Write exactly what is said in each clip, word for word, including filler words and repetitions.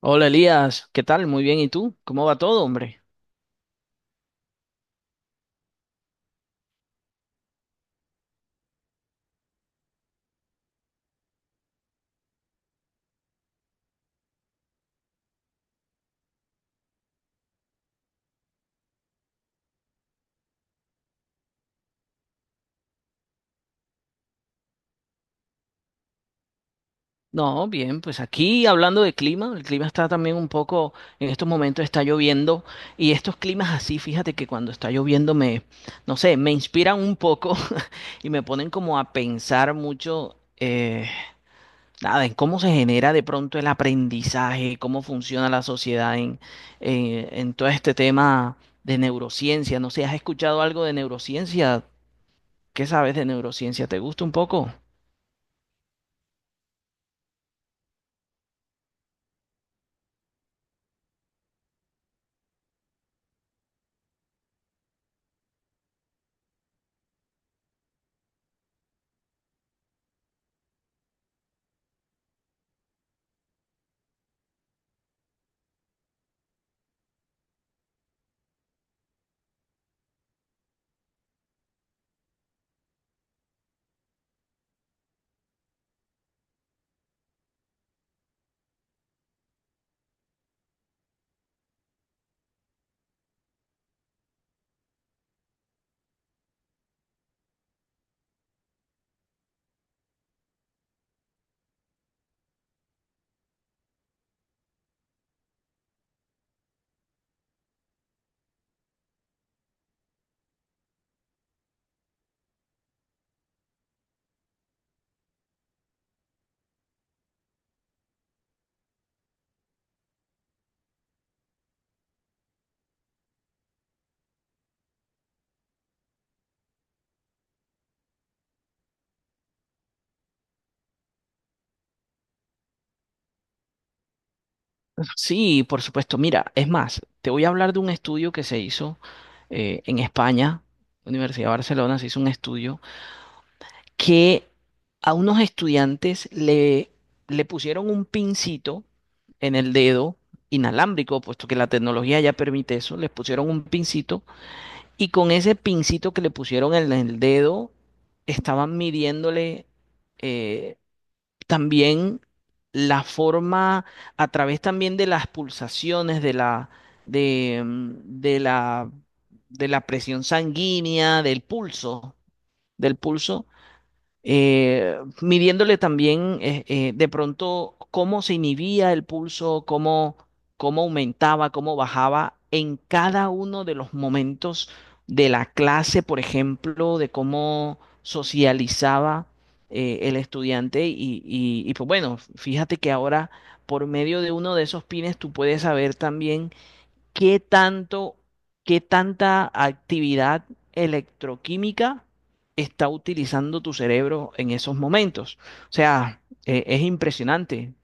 Hola Elías, ¿qué tal? Muy bien, ¿y tú? ¿Cómo va todo, hombre? No, bien, pues aquí hablando de clima, el clima está también un poco, en estos momentos está lloviendo y estos climas así, fíjate que cuando está lloviendo me, no sé, me inspiran un poco y me ponen como a pensar mucho, eh, nada, en cómo se genera de pronto el aprendizaje, cómo funciona la sociedad en, en, en todo este tema de neurociencia. No sé, ¿has escuchado algo de neurociencia? ¿Qué sabes de neurociencia? ¿Te gusta un poco? Sí, por supuesto. Mira, es más, te voy a hablar de un estudio que se hizo eh, en España, Universidad de Barcelona, se hizo un estudio que a unos estudiantes le, le pusieron un pincito en el dedo inalámbrico, puesto que la tecnología ya permite eso, les pusieron un pincito y con ese pincito que le pusieron en el dedo estaban midiéndole eh, también la forma a través también de las pulsaciones de la de, mm, de la de la presión sanguínea, del pulso, del pulso, eh, midiéndole también eh, eh, de pronto cómo se inhibía el pulso, cómo, cómo aumentaba, cómo bajaba en cada uno de los momentos de la clase, por ejemplo, de cómo socializaba eh, el estudiante. Y, y, y pues bueno, fíjate que ahora por medio de uno de esos pines tú puedes saber también ¿qué tanto, qué tanta actividad electroquímica está utilizando tu cerebro en esos momentos? O sea, eh, es impresionante.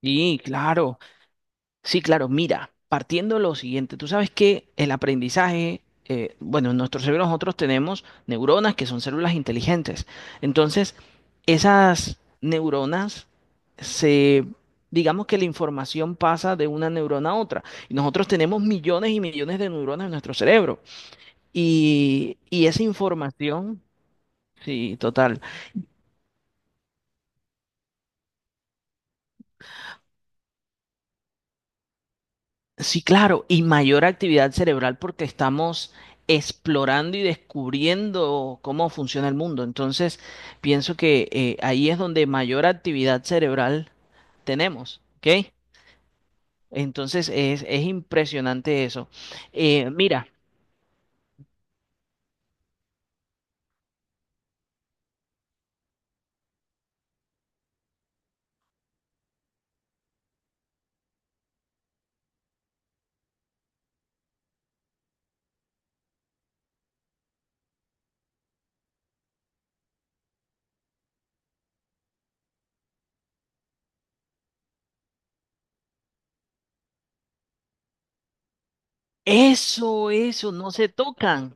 Y claro. Sí, claro, mira, partiendo de lo siguiente, tú sabes que el aprendizaje, eh, bueno, en nuestro cerebro nosotros tenemos neuronas que son células inteligentes. Entonces, esas neuronas se, digamos que la información pasa de una neurona a otra. Y nosotros tenemos millones y millones de neuronas en nuestro cerebro. Y, y esa información, sí, total. Sí, claro, y mayor actividad cerebral porque estamos explorando y descubriendo cómo funciona el mundo. Entonces, pienso que eh, ahí es donde mayor actividad cerebral tenemos, ¿ok? Entonces, es, es impresionante eso. Eh, mira, eso, eso, no se tocan.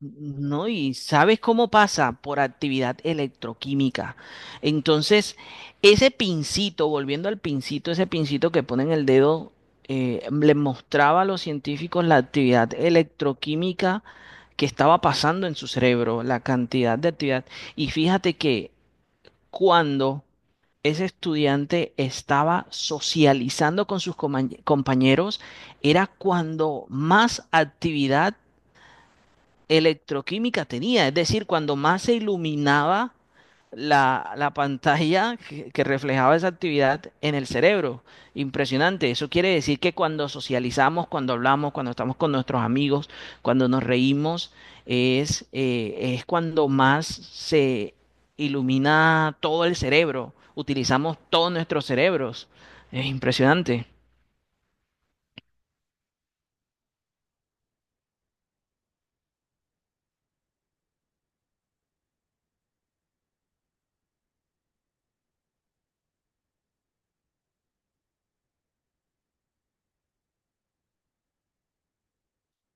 No, y sabes cómo pasa por actividad electroquímica. Entonces, ese pincito, volviendo al pincito, ese pincito que pone en el dedo, eh, le mostraba a los científicos la actividad electroquímica que estaba pasando en su cerebro, la cantidad de actividad. Y fíjate que cuando ese estudiante estaba socializando con sus comañ- compañeros, era cuando más actividad electroquímica tenía, es decir, cuando más se iluminaba la, la pantalla que, que reflejaba esa actividad en el cerebro. Impresionante. Eso quiere decir que cuando socializamos, cuando hablamos, cuando estamos con nuestros amigos, cuando nos reímos, es, eh, es cuando más se ilumina todo el cerebro. Utilizamos todos nuestros cerebros. Es impresionante.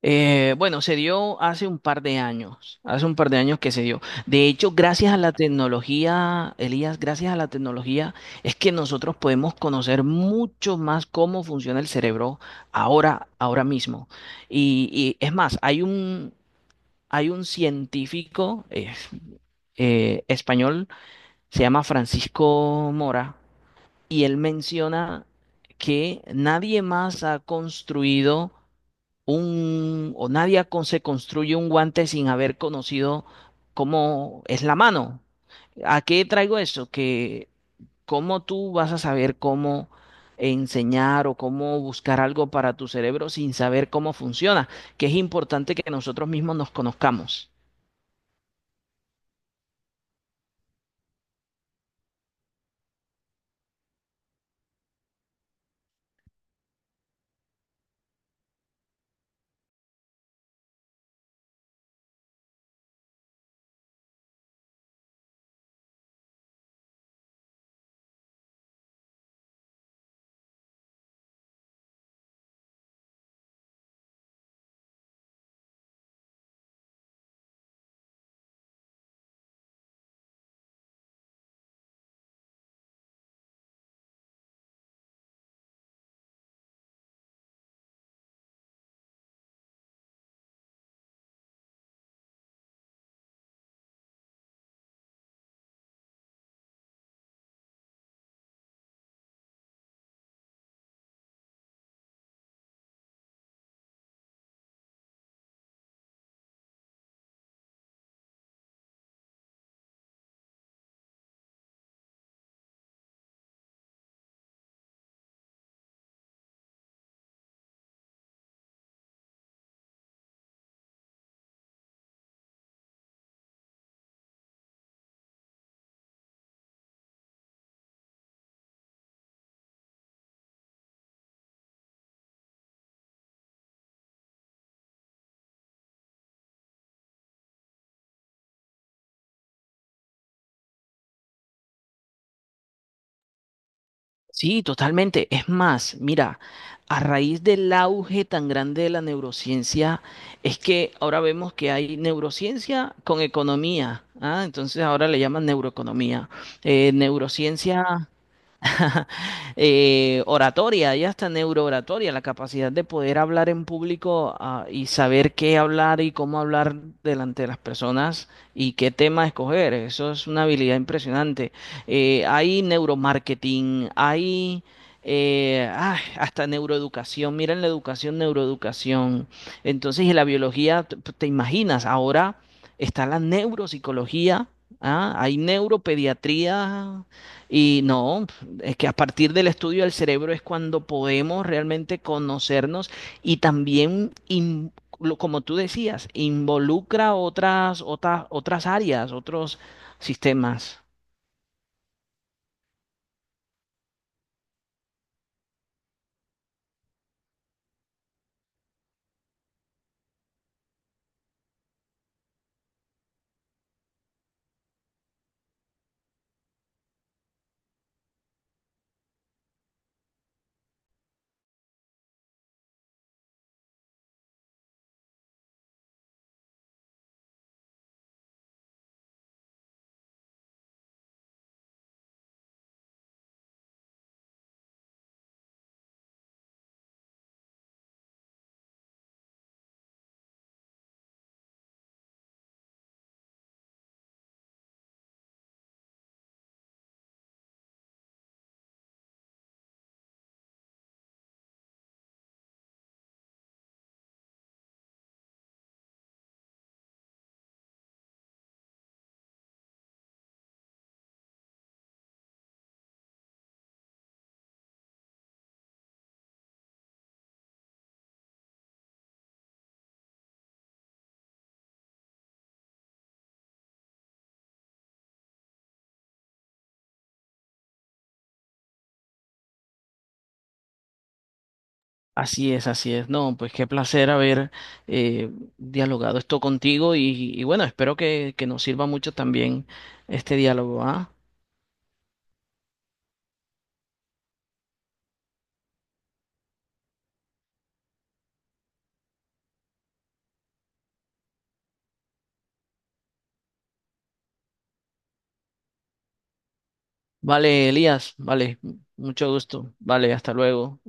Eh, bueno, se dio hace un par de años, hace un par de años que se dio. De hecho, gracias a la tecnología, Elías, gracias a la tecnología, es que nosotros podemos conocer mucho más cómo funciona el cerebro ahora, ahora mismo. Y, y es más, hay un, hay un científico eh, eh, español, se llama Francisco Mora, y él menciona que nadie más ha construido un, o nadie con- se construye un guante sin haber conocido cómo es la mano. ¿A qué traigo eso? Que cómo tú vas a saber cómo enseñar o cómo buscar algo para tu cerebro sin saber cómo funciona, que es importante que nosotros mismos nos conozcamos. Sí, totalmente. Es más, mira, a raíz del auge tan grande de la neurociencia, es que ahora vemos que hay neurociencia con economía, ¿ah? Entonces ahora le llaman neuroeconomía. Eh, neurociencia Eh, oratoria, ya hasta neurooratoria, la capacidad de poder hablar en público, ah, y saber qué hablar y cómo hablar delante de las personas y qué tema escoger. Eso es una habilidad impresionante. Eh, hay neuromarketing, hay eh, ay, hasta neuroeducación. Miren la educación, neuroeducación. Entonces, y la biología, t- te imaginas, ahora está la neuropsicología. Ah, hay neuropediatría y no, es que a partir del estudio del cerebro es cuando podemos realmente conocernos y también, in- lo- como tú decías, involucra otras, otras, otras áreas, otros sistemas. Así es, así es. No, pues qué placer haber eh, dialogado esto contigo y, y bueno, espero que, que nos sirva mucho también este diálogo, ¿ah? Vale, Elías, vale, mucho gusto. Vale, hasta luego.